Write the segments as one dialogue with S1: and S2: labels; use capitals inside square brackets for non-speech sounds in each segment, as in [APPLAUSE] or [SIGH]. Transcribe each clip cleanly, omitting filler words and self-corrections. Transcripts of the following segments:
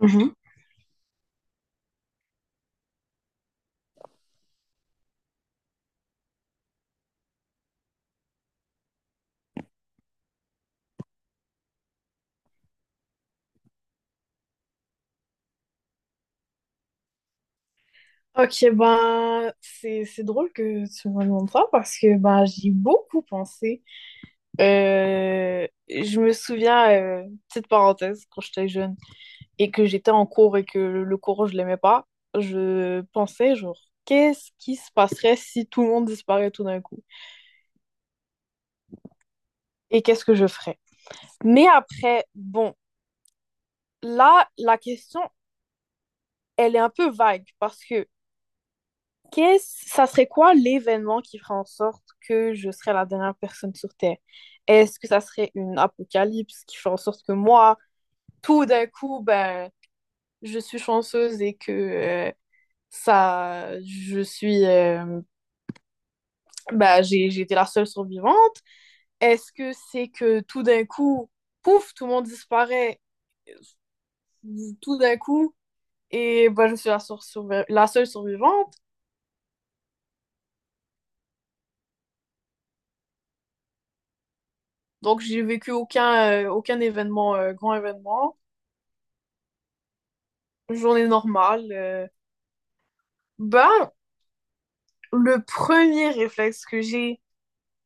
S1: Mhm. Ok, ben, c'est drôle que tu me demandes ça parce que ben, j'y ai beaucoup pensé. Je me souviens, petite parenthèse, quand j'étais jeune et que j'étais en cours et que le cours, je l'aimais pas, je pensais, genre, qu'est-ce qui se passerait si tout le monde disparaît tout d'un coup? Et qu'est-ce que je ferais? Mais après, bon, là, la question, elle est un peu vague parce que ça serait quoi l'événement qui ferait en sorte que je serais la dernière personne sur Terre? Est-ce que ça serait une apocalypse qui ferait en sorte que moi, tout d'un coup, ben, je suis chanceuse et que ça, je suis, ben, j'ai été la seule survivante? Est-ce que c'est que tout d'un coup, pouf, tout le monde disparaît tout d'un coup et ben, je suis la seule survivante? Donc, j'ai vécu aucun événement, grand événement. Journée normale. Ben, le premier réflexe que j'ai,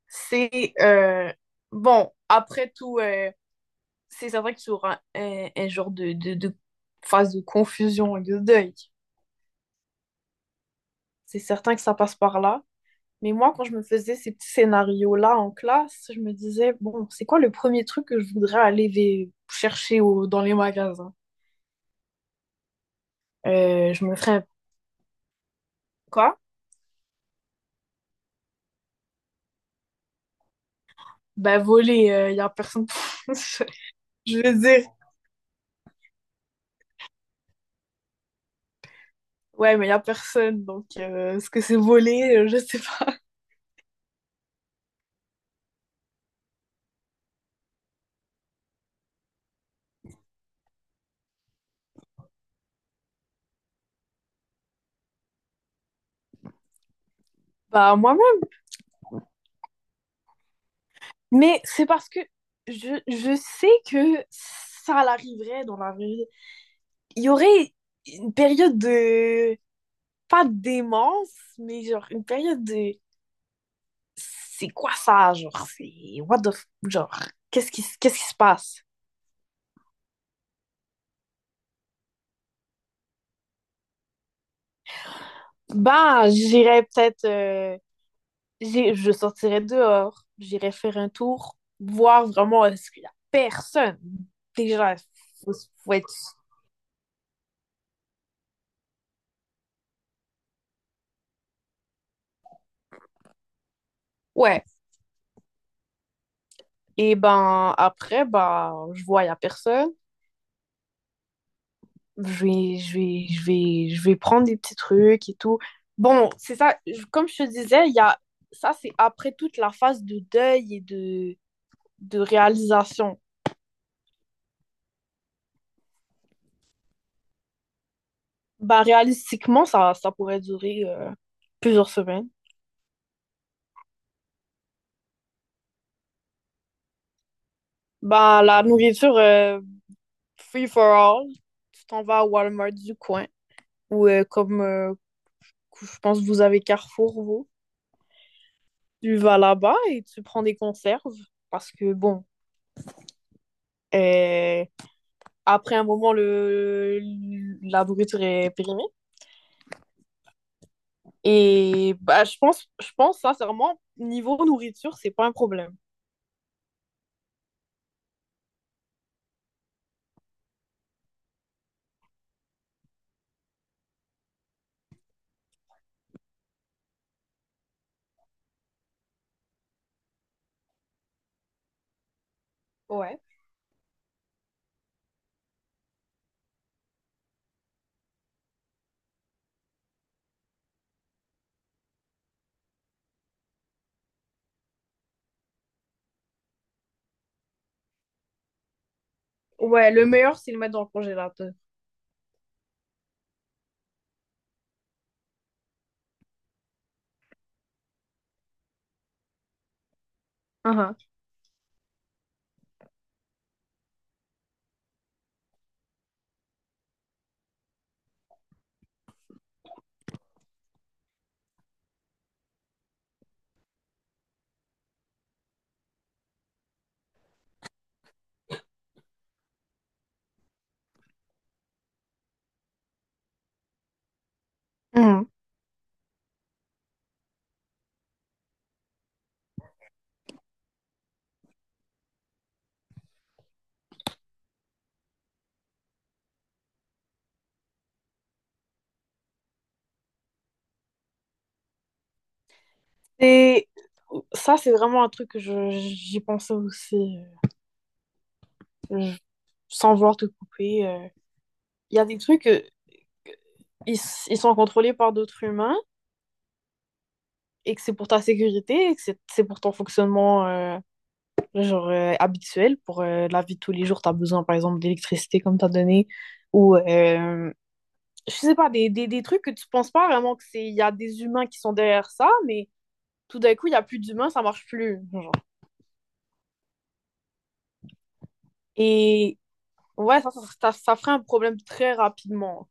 S1: c'est bon, après tout, c'est certain qu'il y aura un genre de phase de confusion et de deuil. C'est certain que ça passe par là. Mais moi, quand je me faisais ces petits scénarios-là en classe, je me disais, bon, c'est quoi le premier truc que je voudrais aller chercher dans les magasins? Je me ferais quoi? Ben, voler, il y a personne. [LAUGHS] Je veux dire, ouais, mais il n'y a personne, donc est-ce que c'est volé? Je sais pas. [LAUGHS] Bah, moi-même. Mais c'est parce que je sais que ça l'arriverait dans la vraie vie. Il y aurait une période de pas de démence, mais genre une période de c'est quoi ça, genre? C'est what the genre, qu'est-ce qui se passe? Ben, j'irais peut-être, je sortirais dehors, j'irais faire un tour, voir vraiment est-ce qu'il y a personne. Déjà, faut, faut être. Ouais. Et ben après, ben, je vois, il y a personne. Je vais prendre des petits trucs et tout. Bon, c'est ça, comme je te disais, il y a ça, c'est après toute la phase de deuil et de réalisation. Ben, réalistiquement, ça pourrait durer plusieurs semaines. Ben, la nourriture, free for all, tu t'en vas à Walmart du coin ou comme je pense que vous avez Carrefour, vous. Tu vas là-bas et tu prends des conserves parce que bon, euh, après un moment, la nourriture est périmée. Et bah, je pense sincèrement, niveau nourriture, c'est pas un problème. Ouais. Ouais, le meilleur, c'est de le mettre dans le congélateur. Uh-huh. Mhm. Et ça, c'est vraiment un truc que j'y pensais aussi, sans vouloir te couper. Il y a des trucs, ils, ils sont contrôlés par d'autres humains et que c'est pour ta sécurité et que c'est pour ton fonctionnement genre, habituel. Pour la vie de tous les jours, tu as besoin, par exemple, d'électricité, comme tu as donné, ou je sais pas, des trucs que tu penses pas vraiment que il y a des humains qui sont derrière ça, mais tout d'un coup, il y a plus d'humains, ça marche plus, genre. Et ouais, ça ferait un problème très rapidement.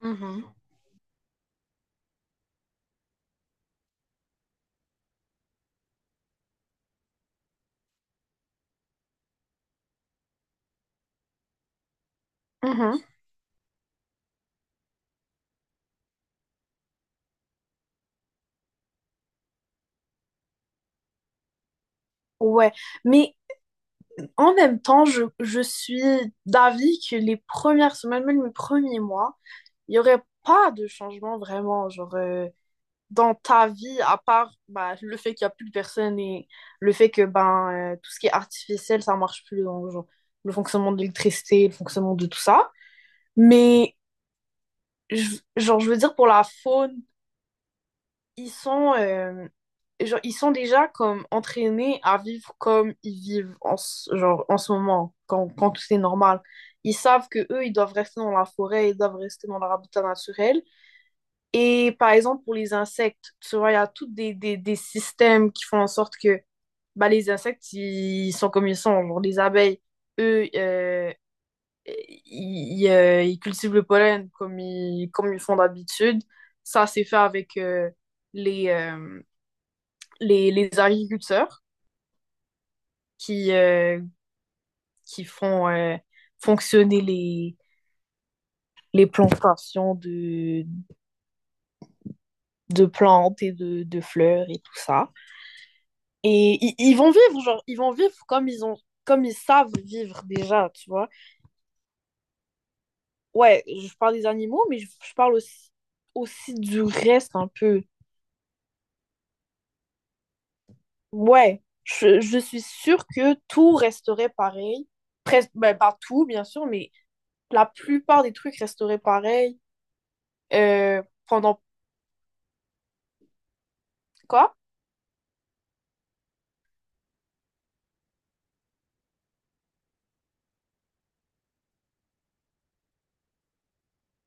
S1: Mhm. Mhm. Ouais, mais en même temps, je suis d'avis que les premières semaines, même les premiers mois, il n'y aurait pas de changement vraiment, genre, dans ta vie, à part bah, le fait qu'il n'y a plus de personnes et le fait que ben, tout ce qui est artificiel, ça ne marche plus dans genre, le fonctionnement de l'électricité, le fonctionnement de tout ça. Mais, genre, je veux dire, pour la faune, ils sont, genre, ils sont déjà comme entraînés à vivre comme ils vivent en, genre, en ce moment, quand, tout est normal. Ils savent que eux, ils doivent rester dans la forêt, ils doivent rester dans leur habitat naturel. Et par exemple, pour les insectes, tu vois, il y a tous des systèmes qui font en sorte que bah, les insectes, ils sont comme ils sont. Genre, les abeilles, eux, ils cultivent le pollen comme comme ils font d'habitude. Ça, c'est fait avec les, euh, les agriculteurs qui, euh, qui font fonctionner les plantations de plantes et de fleurs et tout ça. Et ils vont vivre, genre, ils vont vivre comme comme ils savent vivre déjà, tu vois. Ouais, je parle des animaux, mais je parle aussi du reste un peu. Ouais, je suis sûre que tout resterait pareil. Presque, ben, pas tout, bien sûr, mais la plupart des trucs resteraient pareils euh, pendant quoi?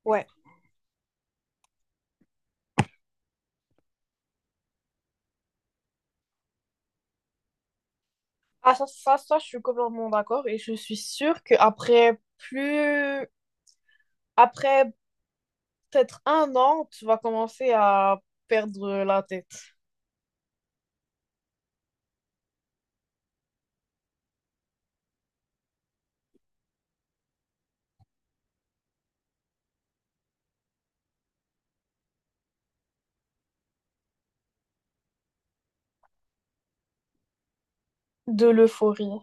S1: Ouais. Ah, ça, je suis complètement d'accord et je suis sûre qu'après plus, après peut-être 1 an, tu vas commencer à perdre la tête de l'euphorie.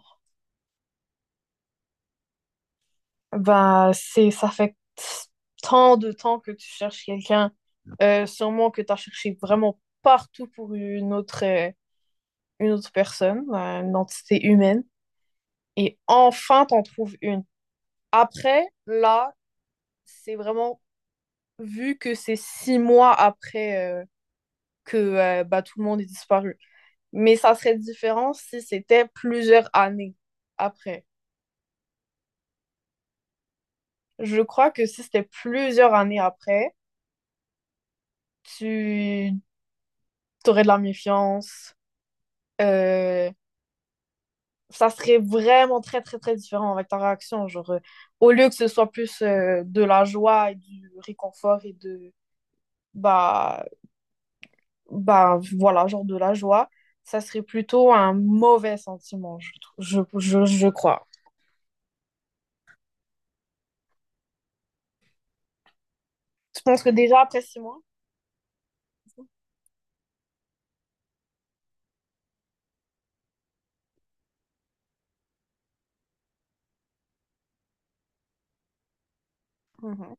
S1: Bah, ça fait tant de temps que tu cherches quelqu'un, sûrement que tu as cherché vraiment partout pour une autre personne, une entité humaine, et enfin t'en trouves une. Après, là, c'est vraiment vu que c'est 6 mois après que bah, tout le monde est disparu. Mais ça serait différent si c'était plusieurs années après. Je crois que si c'était plusieurs années après, tu aurais de la méfiance. euh, ça serait vraiment très, très, très différent avec ta réaction. Genre, au lieu que ce soit plus de la joie et du réconfort et bah, voilà, genre de la joie, ça serait plutôt un mauvais sentiment, je, trou- je crois. Tu penses que déjà après 6 mois? Mhm.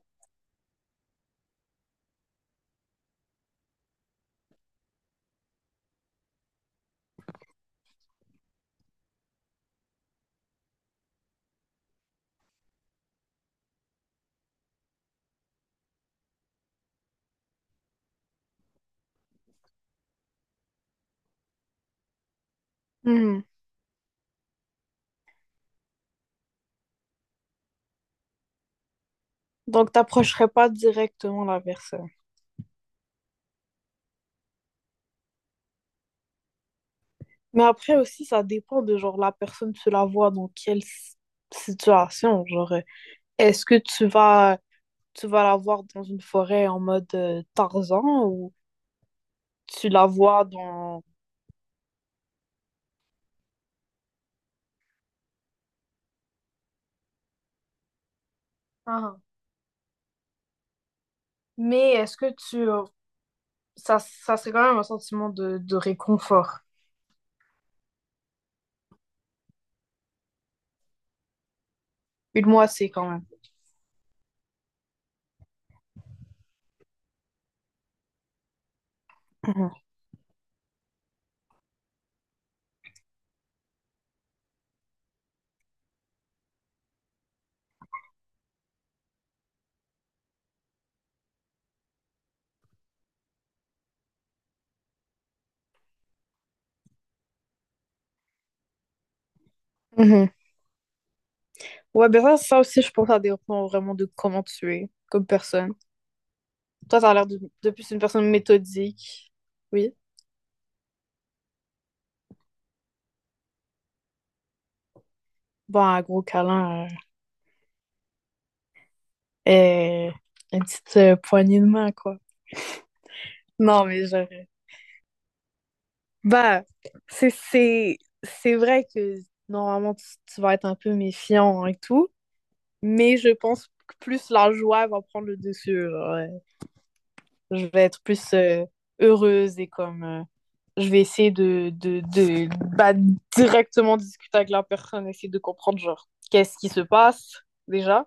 S1: Mhm. Donc, t'approcherais pas directement la personne. Mais après aussi, ça dépend de genre la personne, tu la vois dans quelle situation. Genre, est-ce que tu vas la voir dans une forêt en mode Tarzan ou tu la vois dans. Ah. Mais est-ce que ça, ça serait quand même un sentiment de réconfort. Une moitié quand même. Mhm. Mhm. Ouais, ben ça aussi, je pense que ça dépend vraiment de comment tu es comme personne. Toi, t'as l'air de plus une personne méthodique. Oui. Bon, un gros câlin et une petite poignée de main, quoi. Non, mais bah, c'est, c'est, c'est vrai que normalement, tu vas être un peu méfiant et tout, mais je pense que plus la joie va prendre le dessus, genre, ouais. Je vais être plus heureuse et je vais essayer de bah, directement discuter avec la personne, essayer de comprendre, genre, qu'est-ce qui se passe déjà.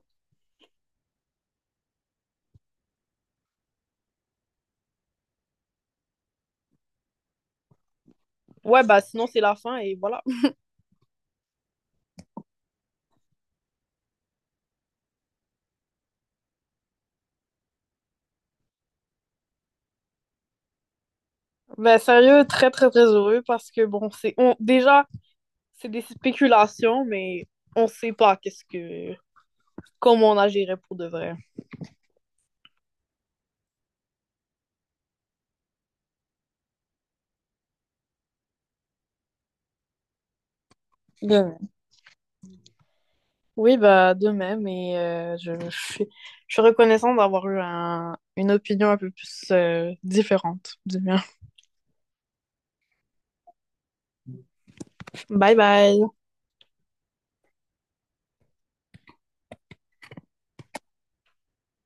S1: Ouais, bah sinon, c'est la fin et voilà. Bah, sérieux, très, très, très heureux parce que, bon, déjà, c'est des spéculations, mais on sait pas qu'est-ce que comment on agirait pour de vrai. De même. Oui, bah de même, et je suis reconnaissante d'avoir eu une opinion un peu plus différente du mien. Bye bye!